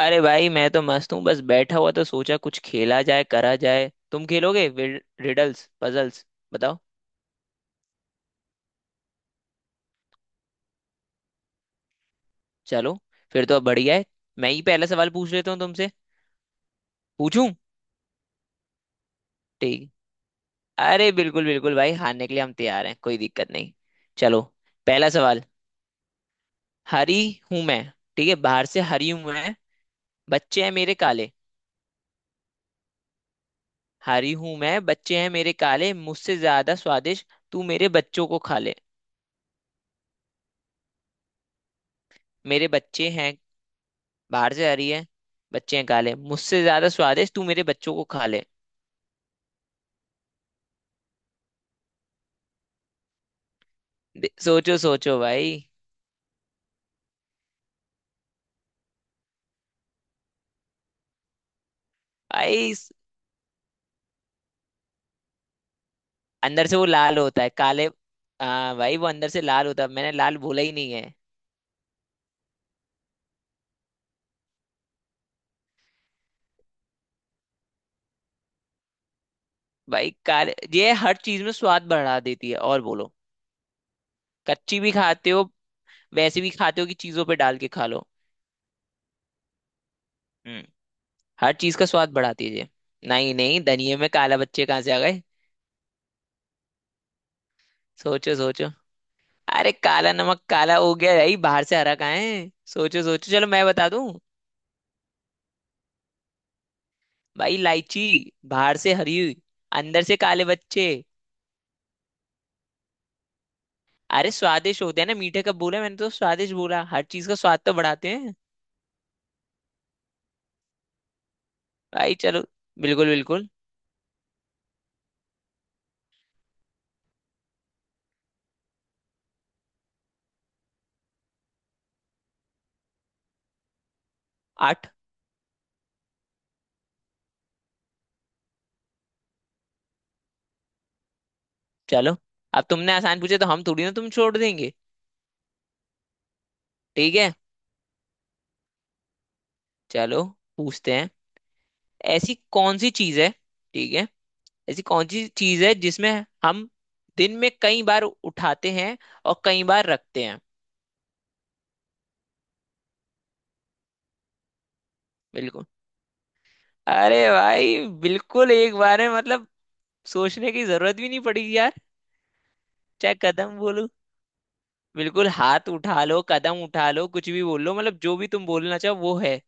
अरे भाई मैं तो मस्त हूँ। बस बैठा हुआ तो सोचा कुछ खेला जाए, करा जाए। तुम खेलोगे रिडल्स, पजल्स? बताओ। चलो, फिर तो अब बढ़िया है। मैं ही पहला सवाल पूछ लेता हूँ तुमसे। पूछूं? ठीक। अरे बिल्कुल बिल्कुल भाई, हारने के लिए हम तैयार हैं, कोई दिक्कत नहीं। चलो, पहला सवाल। हरी हूं मैं। ठीक है, बाहर से हरी हूं मैं, बच्चे हैं मेरे काले। हरी हूं मैं, बच्चे हैं मेरे काले, मुझसे ज्यादा स्वादिष्ट, तू मेरे बच्चों को खा ले। मेरे बच्चे हैं, बाहर से आ रही है। बच्चे हैं काले, मुझसे ज्यादा स्वादिष्ट, तू मेरे बच्चों को खा ले। सोचो सोचो भाई। भाई स- अंदर से वो लाल होता है काले। हाँ भाई वो अंदर से लाल होता है, मैंने लाल बोला ही नहीं है। भाई काले ये हर चीज में स्वाद बढ़ा देती है। और बोलो। कच्ची भी खाते हो, वैसे भी खाते हो कि चीजों पे डाल के खा लो। हम्म। हर चीज का स्वाद बढ़ाती है ये। नहीं नहीं धनिये में काला बच्चे कहाँ से आ गए। सोचो सोचो। अरे काला नमक काला हो गया भाई, बाहर से हरा कहाँ है। सोचो सोचो, चलो मैं बता दूं। भाई इलायची। बाहर से हरी, अंदर से काले बच्चे। अरे स्वादिष्ट होते हैं ना, मीठे कब बोला मैंने? तो स्वादिष्ट बोला, हर चीज का स्वाद तो बढ़ाते हैं। भाई चलो, बिल्कुल बिल्कुल। आठ। चलो, अब तुमने आसान पूछे तो हम थोड़ी ना तुम छोड़ देंगे। ठीक है, चलो पूछते हैं। ऐसी कौन सी चीज है? ठीक है, ऐसी कौन सी चीज है जिसमें हम दिन में कई बार उठाते हैं और कई बार रखते हैं? बिल्कुल। अरे भाई बिल्कुल एक बार है मतलब, सोचने की जरूरत भी नहीं पड़ी यार। चाहे कदम बोलो, बिल्कुल हाथ उठा लो, कदम उठा लो, कुछ भी बोल लो, मतलब जो भी तुम बोलना चाहो वो है।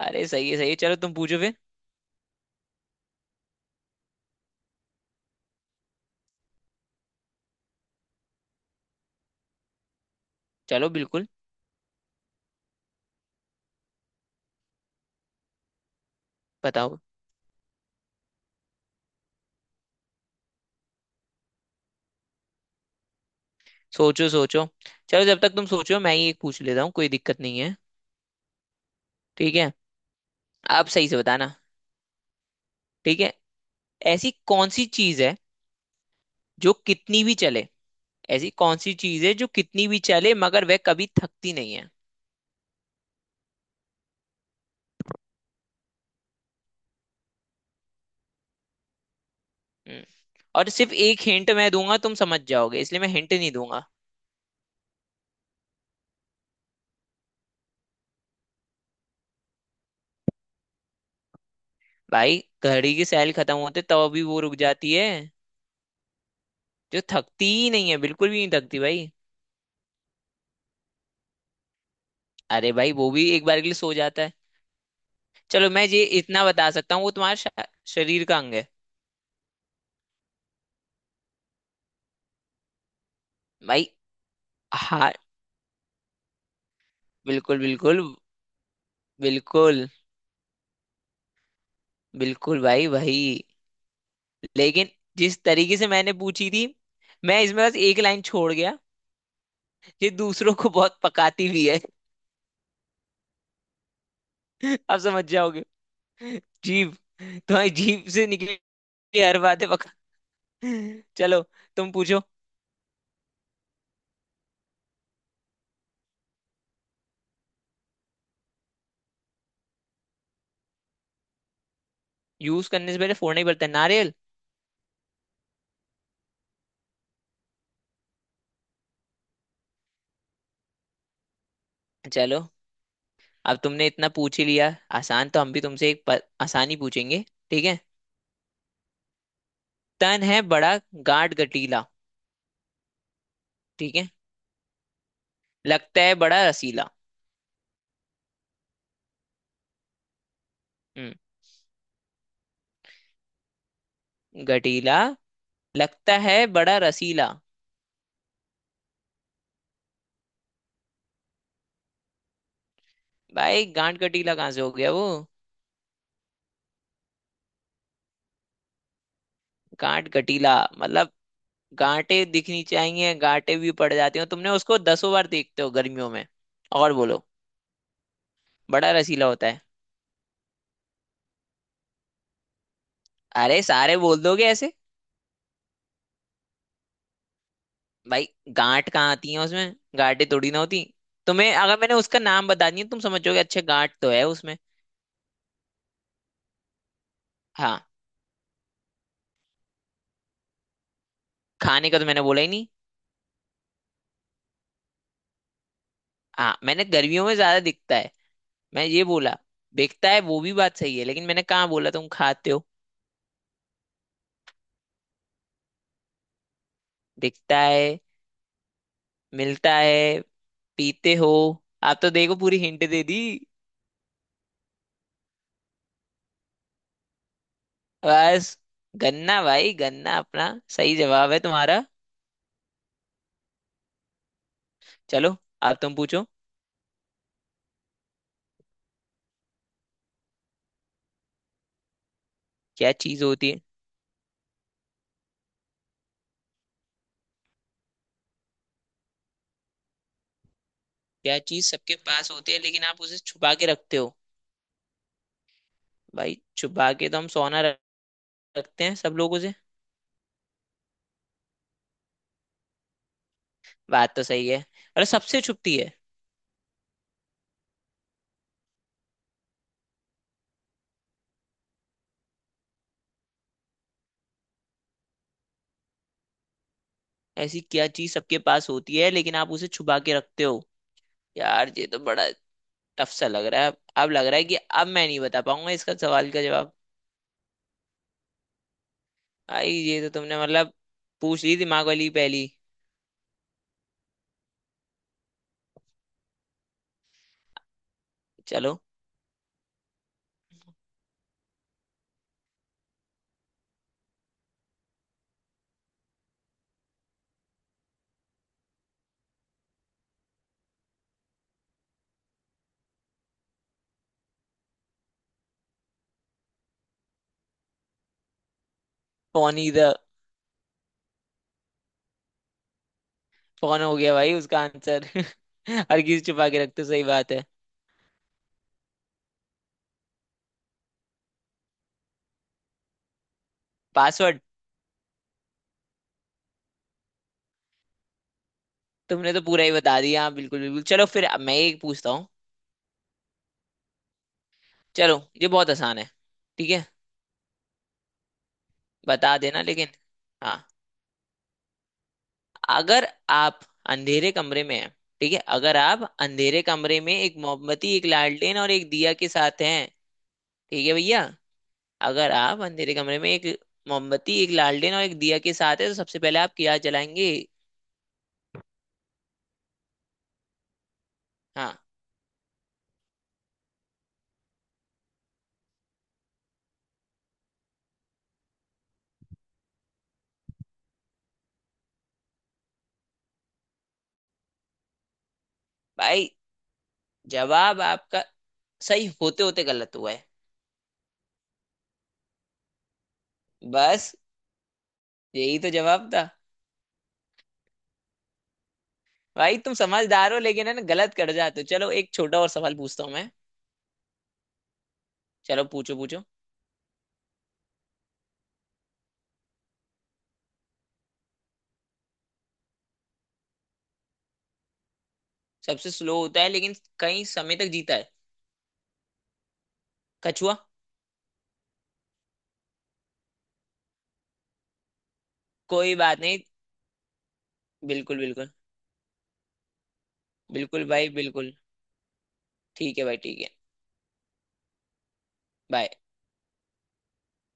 अरे सही है सही है, चलो तुम पूछो फिर। चलो बिल्कुल। बताओ। सोचो सोचो। चलो, जब तक तुम सोचो मैं ही एक पूछ लेता हूँ, कोई दिक्कत नहीं है। ठीक है, आप सही से बताना। ठीक है, ऐसी कौन सी चीज है जो कितनी भी चले। ऐसी कौन सी चीज है जो कितनी भी चले मगर वह कभी थकती नहीं है? हम्म। और सिर्फ एक हिंट मैं दूंगा तुम समझ जाओगे, इसलिए मैं हिंट नहीं दूंगा। भाई घड़ी की सैल खत्म होते तब भी वो रुक जाती है। जो थकती ही नहीं है, बिल्कुल भी नहीं थकती भाई। अरे भाई वो भी एक बार के लिए सो जाता है। चलो मैं ये इतना बता सकता हूँ, वो शरीर का अंग है। भाई हाँ। बिल्कुल बिल्कुल बिल्कुल। बिल्कुल भाई भाई। लेकिन जिस तरीके से मैंने पूछी थी, मैं इसमें बस एक लाइन छोड़ गया। ये दूसरों को बहुत पकाती भी है। आप समझ जाओगे। जीभ। तुम्हारी जीभ से निकली हर बातें पका। चलो तुम पूछो। यूज करने से पहले फोड़ना ही पड़ता है? नारियल। चलो अब तुमने इतना पूछ ही लिया, आसान तो हम भी तुमसे आसान ही पूछेंगे। ठीक है। तन है बड़ा, गाढ़ गठीला। ठीक है। लगता है बड़ा रसीला। हम्म। गठीला, लगता है बड़ा रसीला। भाई गांठ गठीला कहाँ से हो गया वो? गांठ गठीला मतलब गांठे दिखनी चाहिए, गांठे भी पड़ जाती हो, तुमने उसको दसों बार देखते हो गर्मियों में। और बोलो। बड़ा रसीला होता है। अरे सारे बोल दोगे ऐसे। भाई गांठ कहाँ आती है उसमें, गांठें थोड़ी ना होती। तुम्हें अगर मैंने उसका नाम बता दिया तुम समझोगे अच्छा गांठ तो है उसमें। हाँ। खाने का तो मैंने बोला ही नहीं। हाँ मैंने गर्मियों में ज्यादा दिखता है, मैं ये बोला। दिखता है वो भी, बात सही है, लेकिन मैंने कहाँ बोला तुम खाते हो। दिखता है, मिलता है, पीते हो। आप तो देखो पूरी हिंट दे दी। बस। गन्ना भाई गन्ना अपना। सही जवाब है तुम्हारा। चलो अब तुम पूछो। क्या चीज होती है? क्या चीज सबके पास होती है लेकिन आप उसे छुपा के रखते हो? भाई छुपा के तो हम रखते हैं सब लोगों से। बात तो सही है। अरे सबसे छुपती है। ऐसी क्या चीज सबके पास होती है लेकिन आप उसे छुपा के रखते हो? यार ये तो बड़ा टफ सा लग रहा है। अब लग रहा है कि अब मैं नहीं बता पाऊंगा इसका सवाल का जवाब। भाई ये तो तुमने मतलब पूछ ली दिमाग वाली पहली। चलो, फोन ही था। फोन हो गया भाई उसका आंसर। हर चीज छुपा के रखते हो, सही बात है। पासवर्ड। तुमने तो पूरा ही बता दिया। हाँ, बिल्कुल बिल्कुल। चलो फिर अब मैं एक पूछता हूँ। चलो ये बहुत आसान है। ठीक है, बता देना लेकिन। हाँ। अगर आप अंधेरे कमरे में हैं, ठीक है, अगर आप अंधेरे कमरे में एक मोमबत्ती, एक लालटेन और एक दिया के साथ हैं, ठीक है भैया, अगर आप अंधेरे कमरे में एक मोमबत्ती, एक लालटेन और एक दिया के साथ है तो सबसे पहले आप क्या जलाएंगे? हाँ। भाई जवाब आपका सही होते होते गलत हुआ है। बस, यही तो जवाब था। भाई तुम समझदार हो लेकिन है ना, गलत कर जाते हो। चलो एक छोटा और सवाल पूछता हूँ मैं। चलो पूछो पूछो। सबसे स्लो होता है लेकिन कई समय तक जीता है? कछुआ। कोई बात नहीं। बिल्कुल बिल्कुल बिल्कुल। भाई बिल्कुल। ठीक है भाई ठीक है। बाय।